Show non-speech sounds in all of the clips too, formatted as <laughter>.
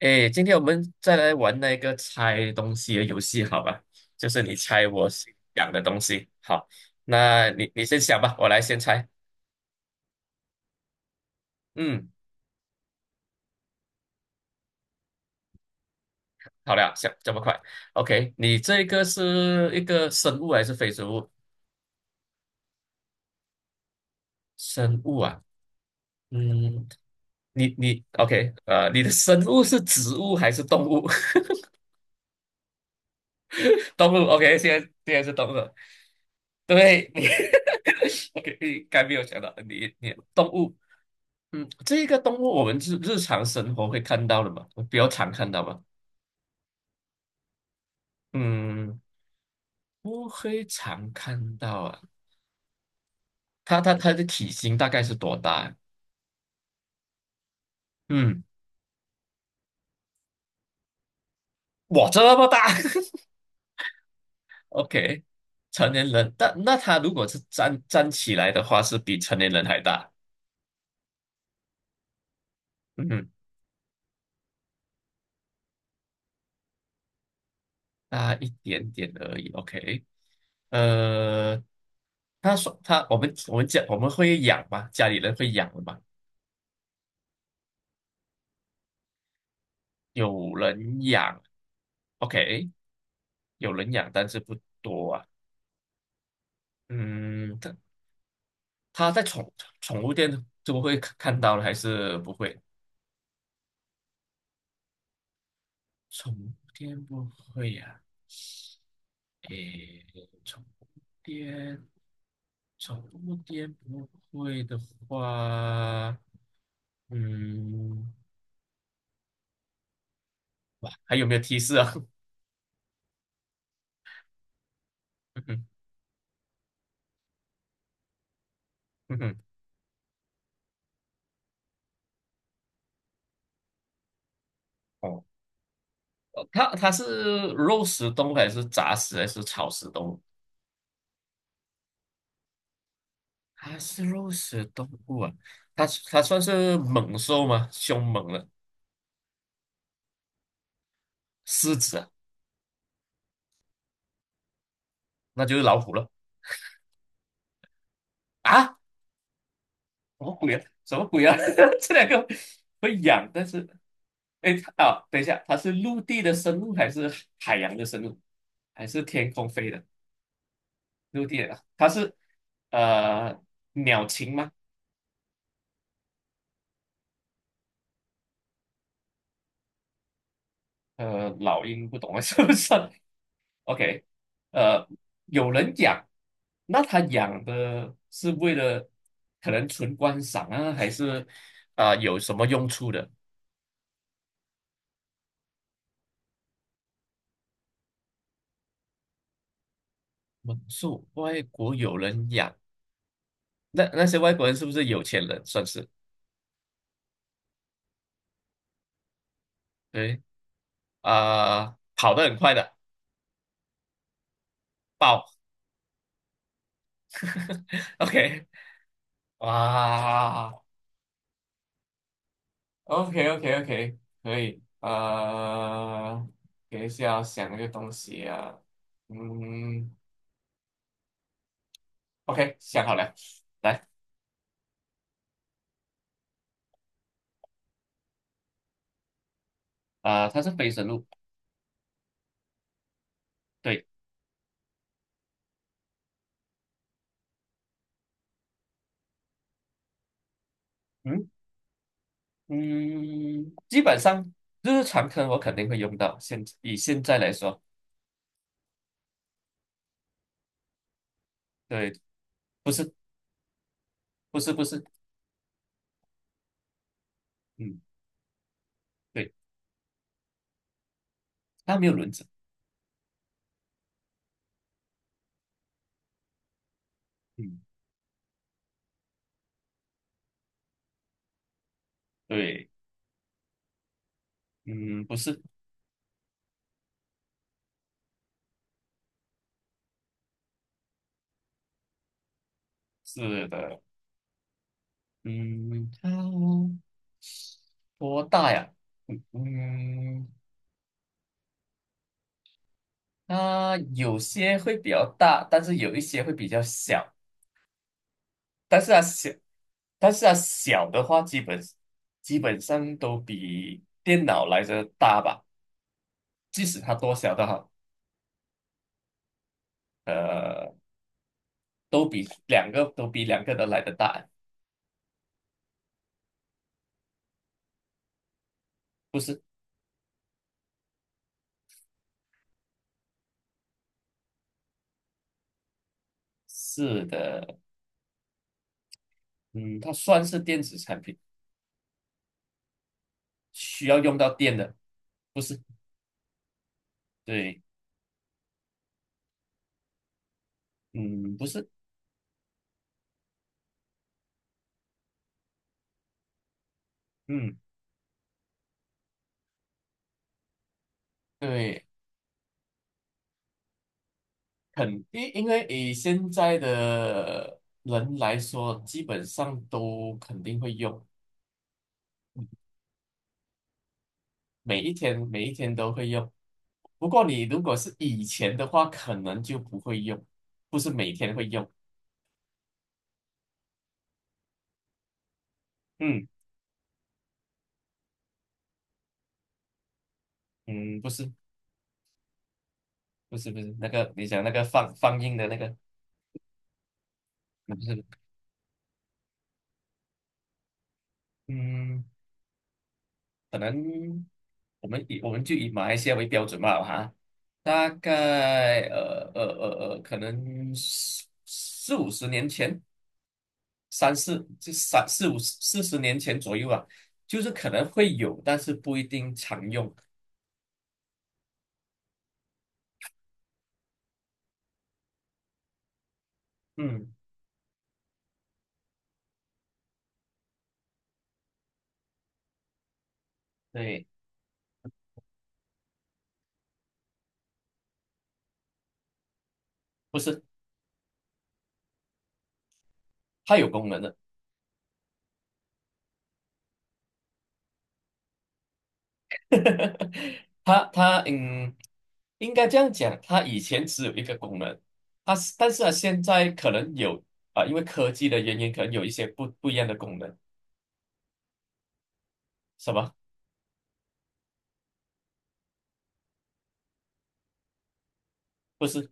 哎，今天我们再来玩那个猜东西的游戏，好吧？就是你猜我想的东西。好，那你先想吧，我来先猜。嗯，好了，想这么快？OK，你这个是一个生物还是非生物？生物啊，嗯，你 OK，你的生物是植物还是动物？<laughs> 动物，OK，现在是动物。对，你 <laughs> OK，你该没有想到你动物。嗯，这个动物我们日常生活会看到的嘛，比较常看到吧。嗯，不会常看到啊。它的体型大概是多大啊？嗯，哇，这么大 <laughs>！OK,成年人，但那它如果是站起来的话，是比成年人还大。嗯哼，大一点点而已。OK,呃，他说他我们讲我们会养吗？家里人会养的吗？有人养。OK。有人养，但是不多啊。嗯，它在宠物店就会看到了，还是不会？宠物店不会呀、诶，宠物店，宠物店不会的话，嗯，哇，还有没有提示啊？<laughs> 嗯哼，嗯哼，哦，它是肉食动物还是杂食还是草食动物？它是肉食动物啊，它算是猛兽吗？凶猛的狮子啊，那就是老虎了啊！什么鬼啊？什么鬼啊？<laughs> 这两个会痒，但是，哎，啊，等一下，它是陆地的生物还是海洋的生物，还是天空飞的？陆地的啊，它是呃鸟禽吗？老鹰不懂啊，<laughs> 是不是？OK,呃，有人养，那他养的是为了可能纯观赏啊，还是啊、有什么用处的？猛兽，外国有人养，那那些外国人是不是有钱人？算是对啊、跑得很快的豹。OK,哇，OK OK OK,可以，等一下要想一个东西啊，嗯，OK,想好了，来，啊、它是非生物。对，嗯嗯，基本上日常可能我肯定会用到。以现在来说，对，不是不是不是，嗯，对，它没有轮子，嗯，对，嗯，不是，是的，嗯，它多大呀？嗯嗯，它有些会比较大，但是有一些会比较小，但是它小，但是它小的话，基本上都比电脑来的大吧，即使它多小都好。呃，都比两个都来的大，不是？是的，嗯，它算是电子产品，需要用到电的，不是？对，嗯，不是，嗯，对，肯定，因为以现在的人来说，基本上都肯定会用，每一天每一天都会用。不过你如果是以前的话，可能就不会用，不是每天会用。嗯嗯，不是不是不是那个你讲那个放映的那个。<laughs> 就是嗯，可能我们以我们就以马来西亚为标准吧，哈，大概可能四五十年前，三四就三四五四十年前左右啊，就是可能会有，但是不一定常用。嗯，对，不是，它有功能的。<laughs> 它它嗯，应该这样讲，它以前只有一个功能，但是啊，现在可能有啊、因为科技的原因，可能有一些不一样的功能，什么？不是，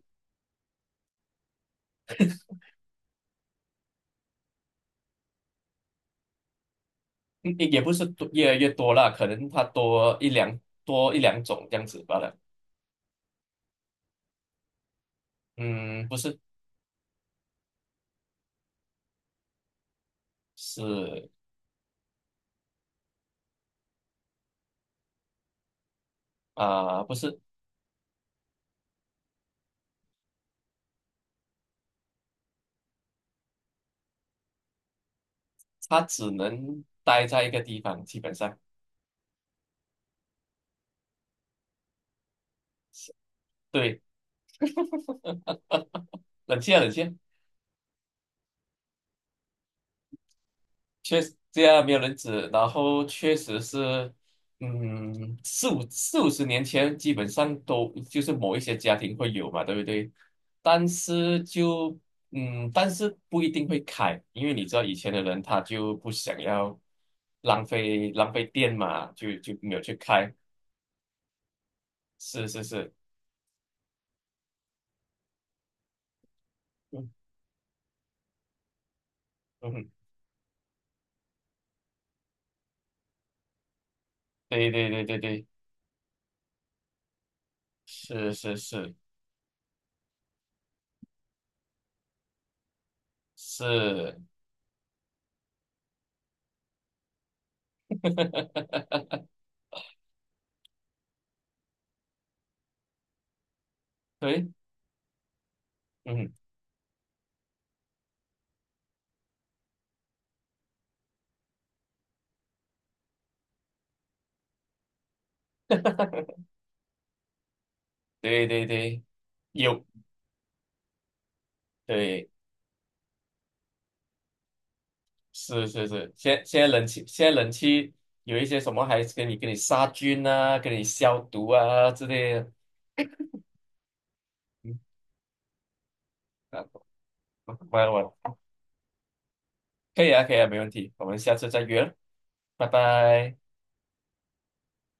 嗯也不是越来越多啦，可能它多一两种这样子罢了。嗯，不是，是啊、不是，它只能待在一个地方，基本上，对，冷静啊，冷静啊。确实这样没有人指，然后确实是，嗯，四五十年前基本上都就是某一些家庭会有嘛，对不对？但是就但是不一定会开，因为你知道以前的人他就不想要浪费电嘛，就没有去开。是是是，嗯嗯哼，对对对对对，是是是是，<laughs> 对，嗯，<laughs> 对对对，有。对，是是是，现在冷气，现在冷气有一些什么还是给你杀菌啊，给你消毒啊之类的。嗯，啊，我我可以啊，可以啊，没问题，我们下次再约了，拜拜。